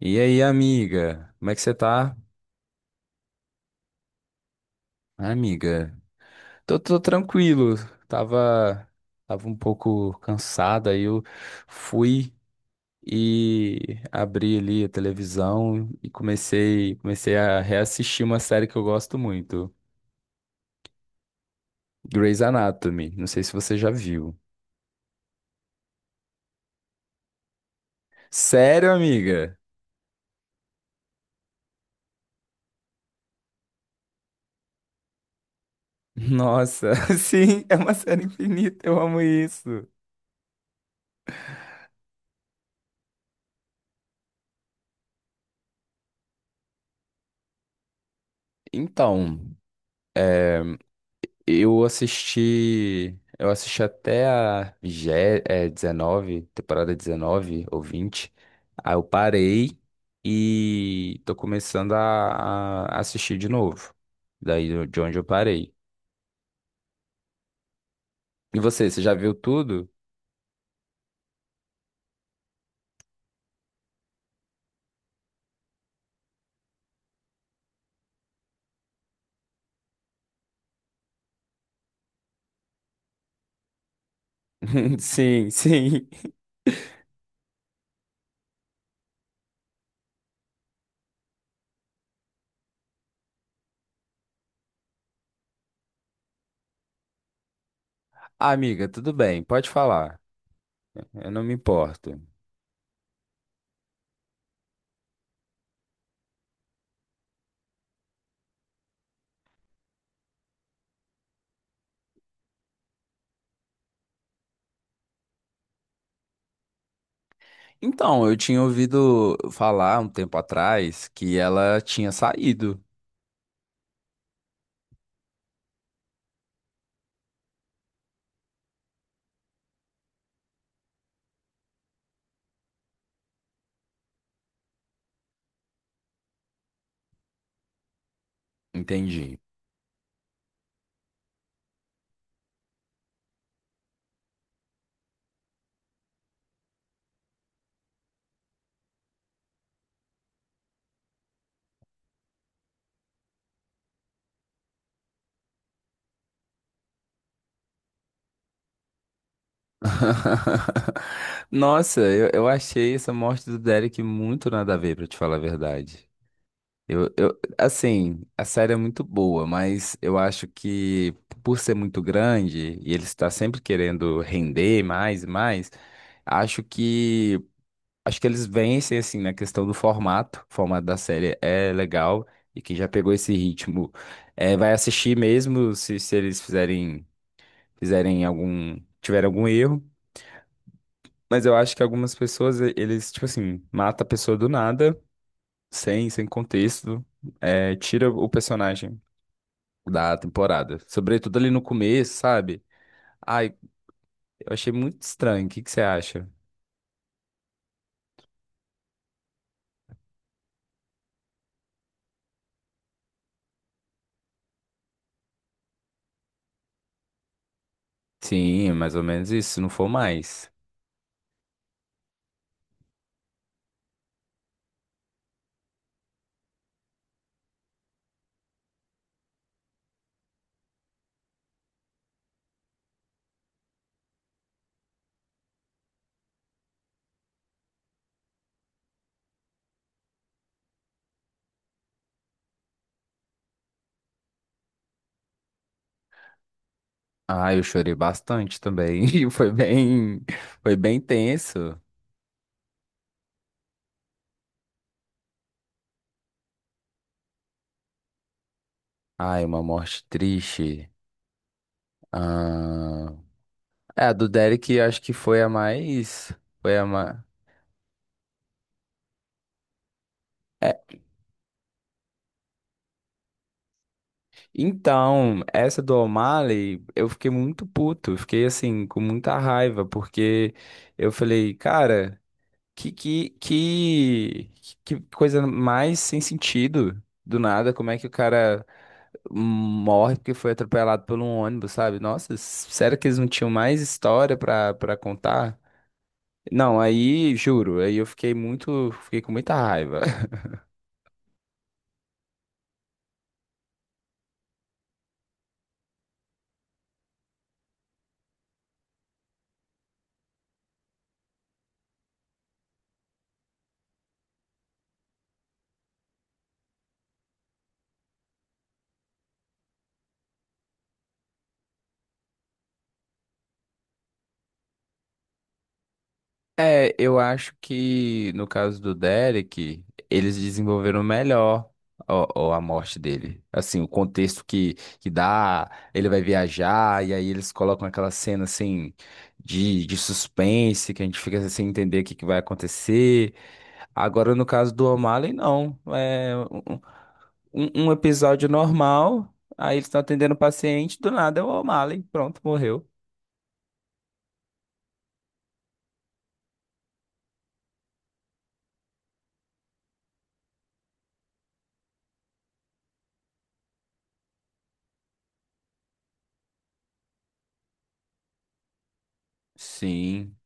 E aí, amiga? Como é que você tá? Ah, amiga, tô tranquilo. Tava, tava um pouco cansado, aí eu fui e abri ali a televisão e comecei a reassistir uma série que eu gosto muito, Grey's Anatomy. Não sei se você já viu. Sério, amiga? Nossa, sim, é uma série infinita, eu amo isso. Então, eu assisti. Eu assisti até a 19, temporada 19 ou 20. Aí eu parei e tô começando a assistir de novo. De onde eu parei. E você já viu tudo? Sim, sim. Ah, amiga, tudo bem, pode falar. Eu não me importo. Então, eu tinha ouvido falar um tempo atrás que ela tinha saído. Entendi. Nossa, eu achei essa morte do Derek muito nada a ver, pra te falar a verdade. Assim, a série é muito boa, mas eu acho que por ser muito grande e ele está sempre querendo render mais e mais, acho que acho que eles vencem assim na questão do formato. O formato da série é legal e quem já pegou esse ritmo vai assistir mesmo se eles fizerem fizerem algum tiver algum erro. Mas eu acho que algumas eles, tipo assim, mata a pessoa do nada, sem contexto, é, tira o personagem da temporada. Sobretudo ali no começo, sabe? Ai, eu achei muito estranho. O que que você acha? Sim, mais ou menos isso, se não for mais. Ai, eu chorei bastante também. E foi foi bem tenso. Ai, uma morte triste. Ah... É, a do Derek acho que foi a mais. Foi a mais. Então, essa do O'Malley, eu fiquei muito puto, eu fiquei assim, com muita raiva, porque eu falei, cara, que, que, que, que coisa mais sem sentido, do nada, como é que o cara morre porque foi atropelado por um ônibus, sabe? Nossa, sério que eles não tinham mais história pra contar? Não, aí, juro, aí eu fiquei fiquei com muita raiva. É, eu acho que no caso do Derek, eles desenvolveram melhor a morte dele. Assim, o contexto que dá, ele vai viajar, e aí eles colocam aquela cena assim de suspense, que a gente fica sem entender o que vai acontecer. Agora, no caso do O'Malley, não. É um episódio normal, aí eles estão atendendo o paciente, do nada é o O'Malley, pronto, morreu. Sim.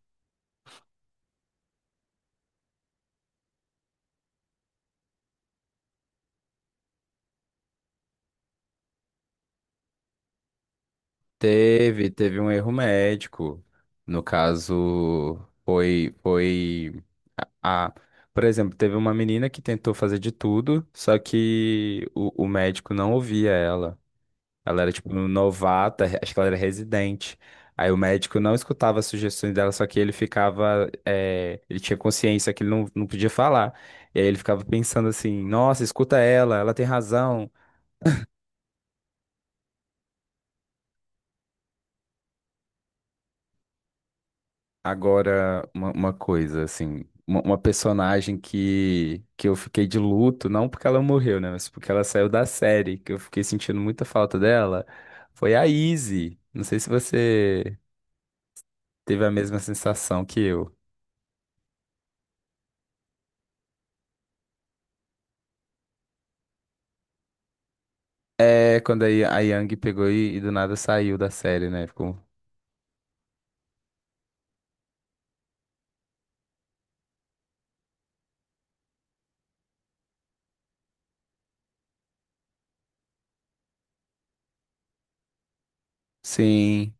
Teve um erro médico. No caso, foi a, a- por exemplo, teve uma menina que tentou fazer de tudo, só que o médico não ouvia ela. Ela era tipo novata, acho que ela era residente. Aí o médico não escutava as sugestões dela, só que ele ficava, ele tinha consciência que ele não podia falar. E aí ele ficava pensando assim, nossa, escuta ela, ela tem razão. Agora, uma coisa, assim, uma personagem que eu fiquei de luto, não porque ela morreu, né, mas porque ela saiu da série, que eu fiquei sentindo muita falta dela, foi a Izzy. Não sei se você teve a mesma sensação que eu. É, quando a Yang pegou e do nada saiu da série, né? Ficou. Sim,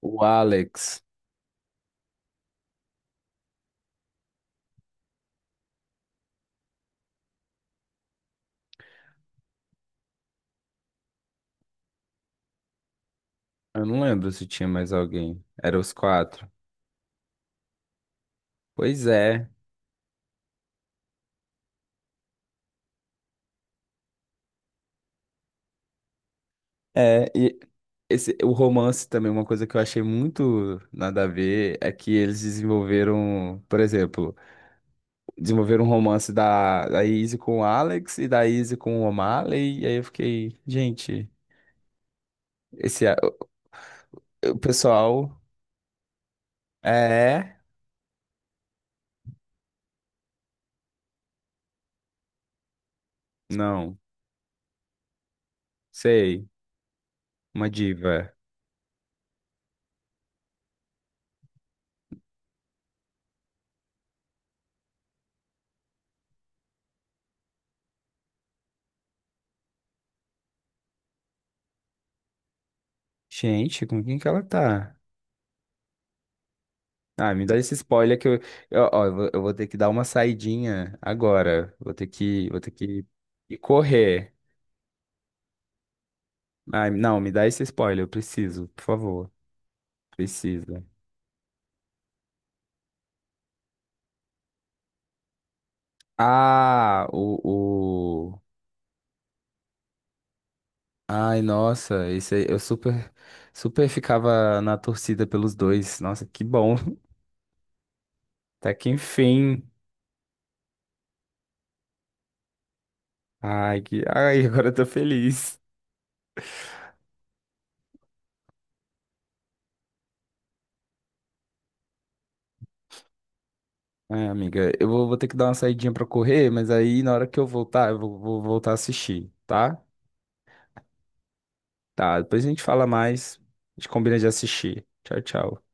o Alex. Eu não lembro se tinha mais alguém. Era os quatro. Pois é. É, e esse, o romance também, uma coisa que eu achei muito nada a ver, é que eles desenvolveram, por exemplo, desenvolveram um romance da Izzy com o Alex e da Izzy com o O'Malley, e aí eu fiquei, gente, esse, a- o pessoal é, não, sei, uma diva. Gente, com quem que ela tá? Ah, me dá esse spoiler que eu, ó, eu vou ter que dar uma saidinha agora, vou ter que ir correr. Ai, não, me dá esse spoiler, eu preciso, por favor. Precisa. Ah, o... Ai, nossa, esse aí, super ficava na torcida pelos dois. Nossa, que bom. Até que enfim. Ai, que... Ai, agora eu tô feliz. Ai, amiga, vou ter que dar uma saidinha pra correr, mas aí na hora que eu voltar, vou voltar a assistir, tá? Tá, depois a gente fala mais, a gente combina de assistir. Tchau, tchau.